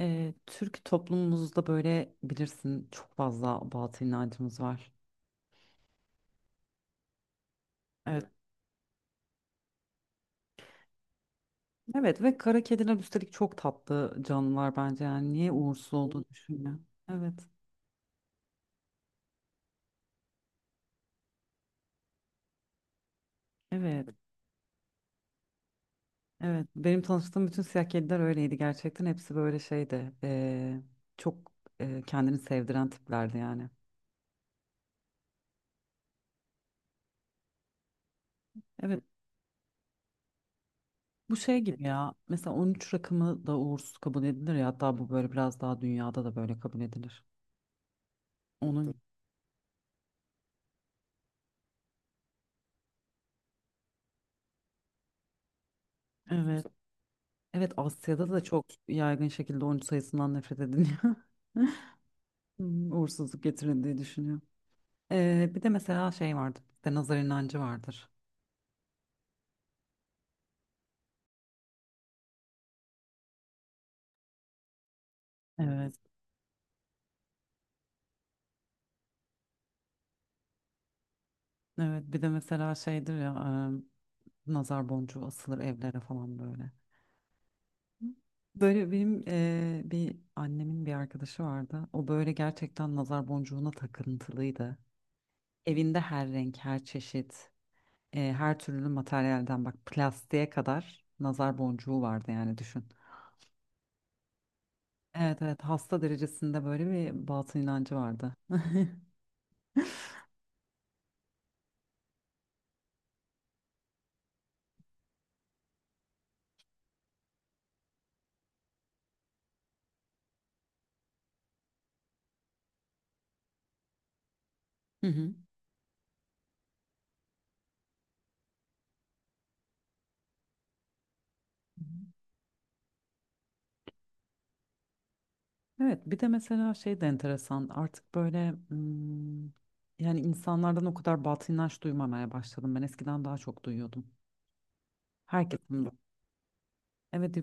Türk toplumumuzda böyle bilirsin çok fazla batıl inancımız var. Evet. Evet ve kara kediler üstelik çok tatlı canlılar bence yani niye uğursuz olduğunu düşünüyorum. Evet. Evet. Evet. Benim tanıştığım bütün siyah kediler öyleydi gerçekten. Hepsi böyle şeydi. Çok kendini sevdiren tiplerdi yani. Evet. Bu şey gibi ya. Mesela 13 rakamı da uğursuz kabul edilir ya. Hatta bu böyle biraz daha dünyada da böyle kabul edilir. Onun. Evet. Evet, Asya'da da çok yaygın şekilde oyuncu sayısından nefret ediliyor. Uğursuzluk getirildiği düşünüyor. Bir de mesela şey vardır, bir de nazar inancı vardır. Evet. Evet, bir de mesela şeydir ya, nazar boncuğu asılır evlere falan böyle. Böyle benim bir annemin bir arkadaşı vardı. O böyle gerçekten nazar boncuğuna takıntılıydı. Evinde her renk, her çeşit, her türlü materyalden bak plastiğe kadar nazar boncuğu vardı yani düşün. Evet, evet, hasta derecesinde böyle bir batıl inancı vardı. Hı hı. Evet, bir de mesela şey de enteresan artık böyle, yani insanlardan o kadar batıl inanç duymamaya başladım. Ben eskiden daha çok duyuyordum. Herkesin bu- evet,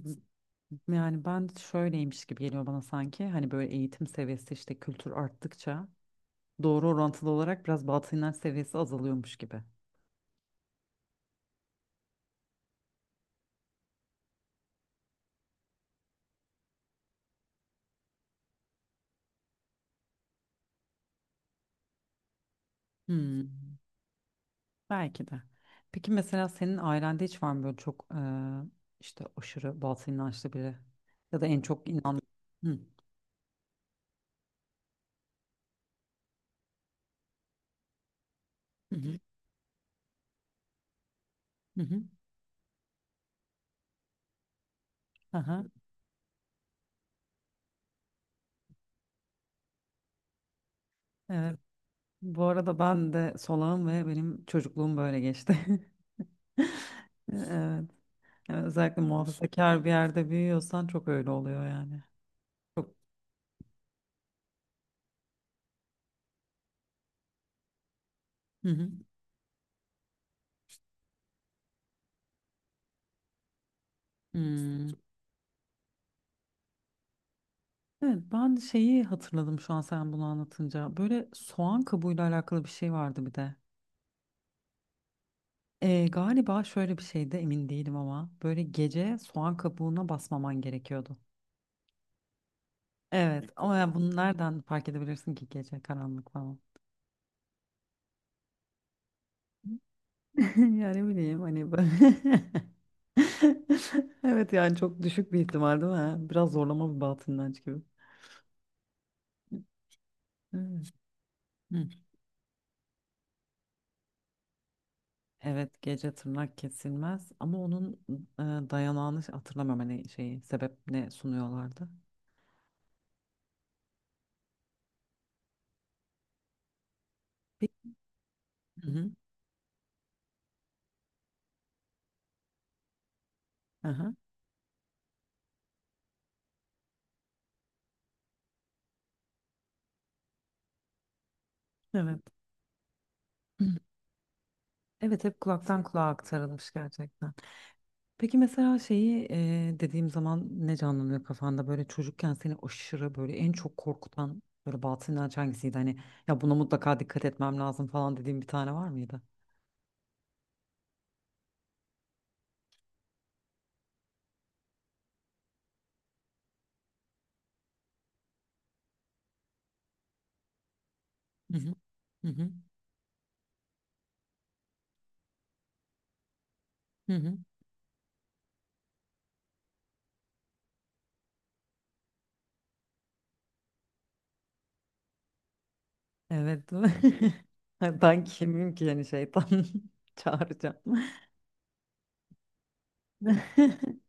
yani ben şöyleymiş gibi geliyor bana, sanki hani böyle eğitim seviyesi işte kültür arttıkça doğru orantılı olarak biraz batıl inanç seviyesi azalıyormuş gibi. Hmm. Belki de. Peki mesela senin ailende hiç var mı böyle çok, işte aşırı batıl inançlı biri ya da en çok Hı. Hı hı. Hı hı. Aha, evet. Bu arada ben de solağım ve benim çocukluğum böyle geçti. Evet. Yani özellikle muhafazakar bir yerde büyüyorsan çok öyle oluyor yani. Çok. Hı hı. Hmm. Evet, ben şeyi hatırladım şu an sen bunu anlatınca. Böyle soğan kabuğuyla alakalı bir şey vardı bir de. Galiba şöyle bir şeyde, emin değilim ama böyle gece soğan kabuğuna basmaman gerekiyordu. Evet ama ya bunu nereden fark edebilirsin ki, gece karanlık falan. Yani bileyim hani böyle- Evet yani çok düşük bir ihtimal değil mi? Ha? Biraz zorlama bir batıl inanç gibi. Evet. Hı. Evet, gece tırnak kesilmez ama onun e, dayanağını hatırlamıyorum, hani şeyi, sebep ne sunuyorlardı. Bir- Hı hı. Aha. Evet. Evet, hep kulaktan kulağa aktarılmış gerçekten. Peki mesela şeyi, dediğim zaman ne canlanıyor kafanda, böyle çocukken seni aşırı böyle en çok korkutan böyle batıl inanç hangisiydi? Hani ya buna mutlaka dikkat etmem lazım falan dediğim bir tane var mıydı? Hı hı. Hı hı. Hı hı. Evet. Ben kimim ki yani şeytan çağıracağım.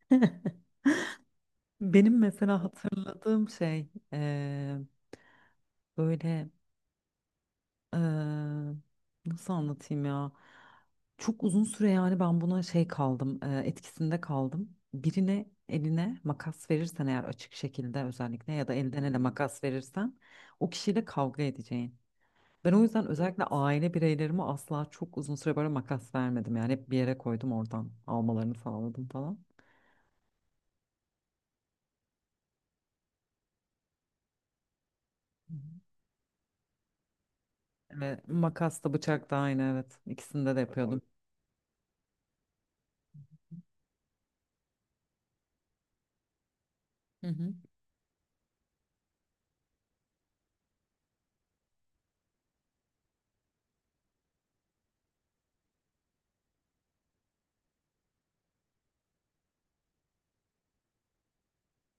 Benim mesela hatırladığım şey, eee, böyle Eee, nasıl anlatayım ya? Çok uzun süre yani ben buna şey kaldım, etkisinde kaldım. Birine eline makas verirsen eğer, açık şekilde özellikle ya da elden ele makas verirsen o kişiyle kavga edeceğin. Ben o yüzden özellikle aile bireylerime asla çok uzun süre böyle makas vermedim. Yani hep bir yere koydum, oradan almalarını sağladım falan. Hı hı. Ve makas da bıçak da aynı, evet. İkisinde de yapıyordum. Hı hı.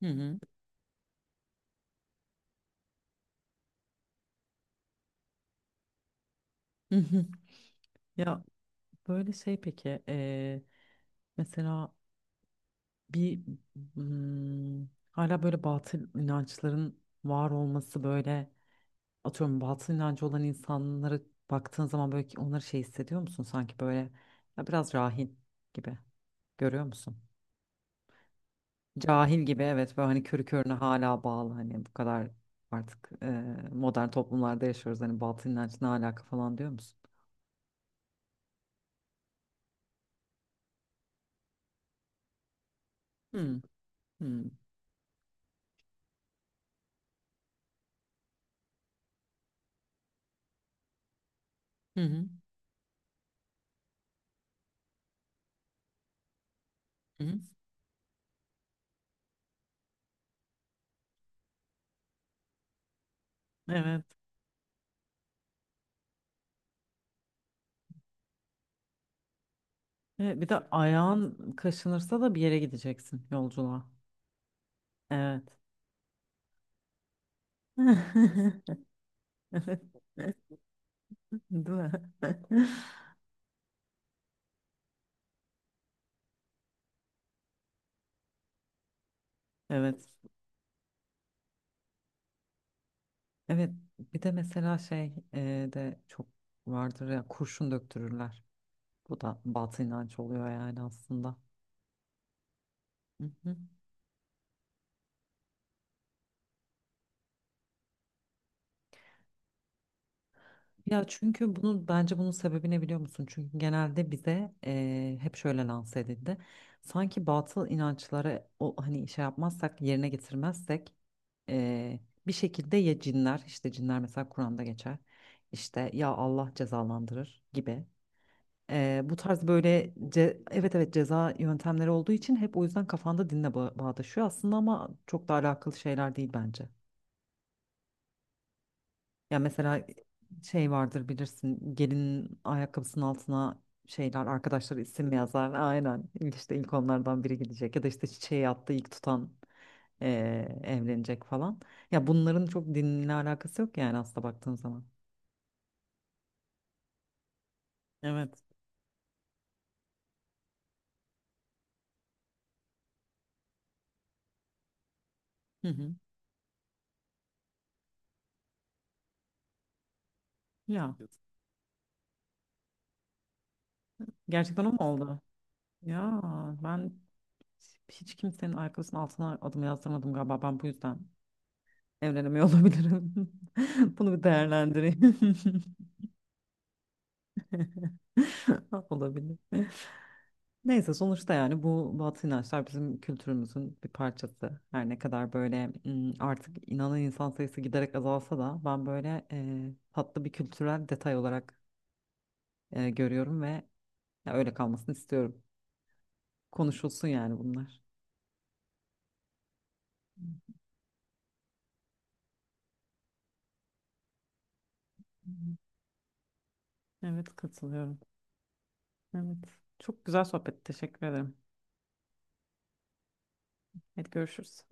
Hı hı. Hı hı. Ya böyle şey peki, mesela bir, hala böyle batıl inançların var olması böyle, atıyorum batıl inancı olan insanlara baktığın zaman böyle, ki onları şey hissediyor musun, sanki böyle ya biraz rahil gibi görüyor musun? Cahil gibi, evet, böyle hani körü körüne hala bağlı, hani bu kadar artık, modern toplumlarda yaşıyoruz, hani batıl inanç ne alaka falan diyor musun? Hmm. Hmm. Hı hı, hı hı. Evet. Evet, bir de ayağın kaşınırsa da bir yere gideceksin, yolculuğa. Evet. Evet. Değil mi? Evet. Evet. Bir de mesela şey de çok vardır ya, kurşun döktürürler. Bu da batı inanç oluyor yani aslında. Hı hı. Ya çünkü bunu, bence bunun sebebi ne biliyor musun? Çünkü genelde bize hep şöyle lanse edildi. Sanki batıl inançlara o hani şey yapmazsak, yerine getirmezsek, Ee, bir şekilde ya cinler, işte cinler mesela Kur'an'da geçer, işte ya Allah cezalandırır gibi. Bu tarz böyle evet, evet, ceza yöntemleri olduğu için, hep o yüzden kafanda dinle bağdaşıyor aslında, ama çok da alakalı şeyler değil bence. Ya mesela şey vardır, bilirsin, gelinin ayakkabısının altına şeyler, arkadaşları isim yazar, aynen, işte ilk onlardan biri gidecek, ya da işte çiçeği attı ilk tutan, evlenecek falan. Ya bunların çok dinle alakası yok yani, aslında baktığın zaman. Evet. Hı hı. Ya gerçekten o mu oldu? Ya ben hiç kimsenin ayakkabısının altına adımı yazdırmadım galiba. Ben bu yüzden evlenemiyor olabilirim. Bunu bir değerlendireyim. Olabilir. Neyse, sonuçta yani bu batı inançlar bizim kültürümüzün bir parçası. Her ne kadar böyle, artık inanan insan sayısı giderek azalsa da, ben böyle tatlı bir kültürel detay olarak görüyorum ve ya öyle kalmasını istiyorum. Konuşulsun yani bunlar. Evet, katılıyorum. Evet. Çok güzel sohbet. Teşekkür ederim. Hadi görüşürüz.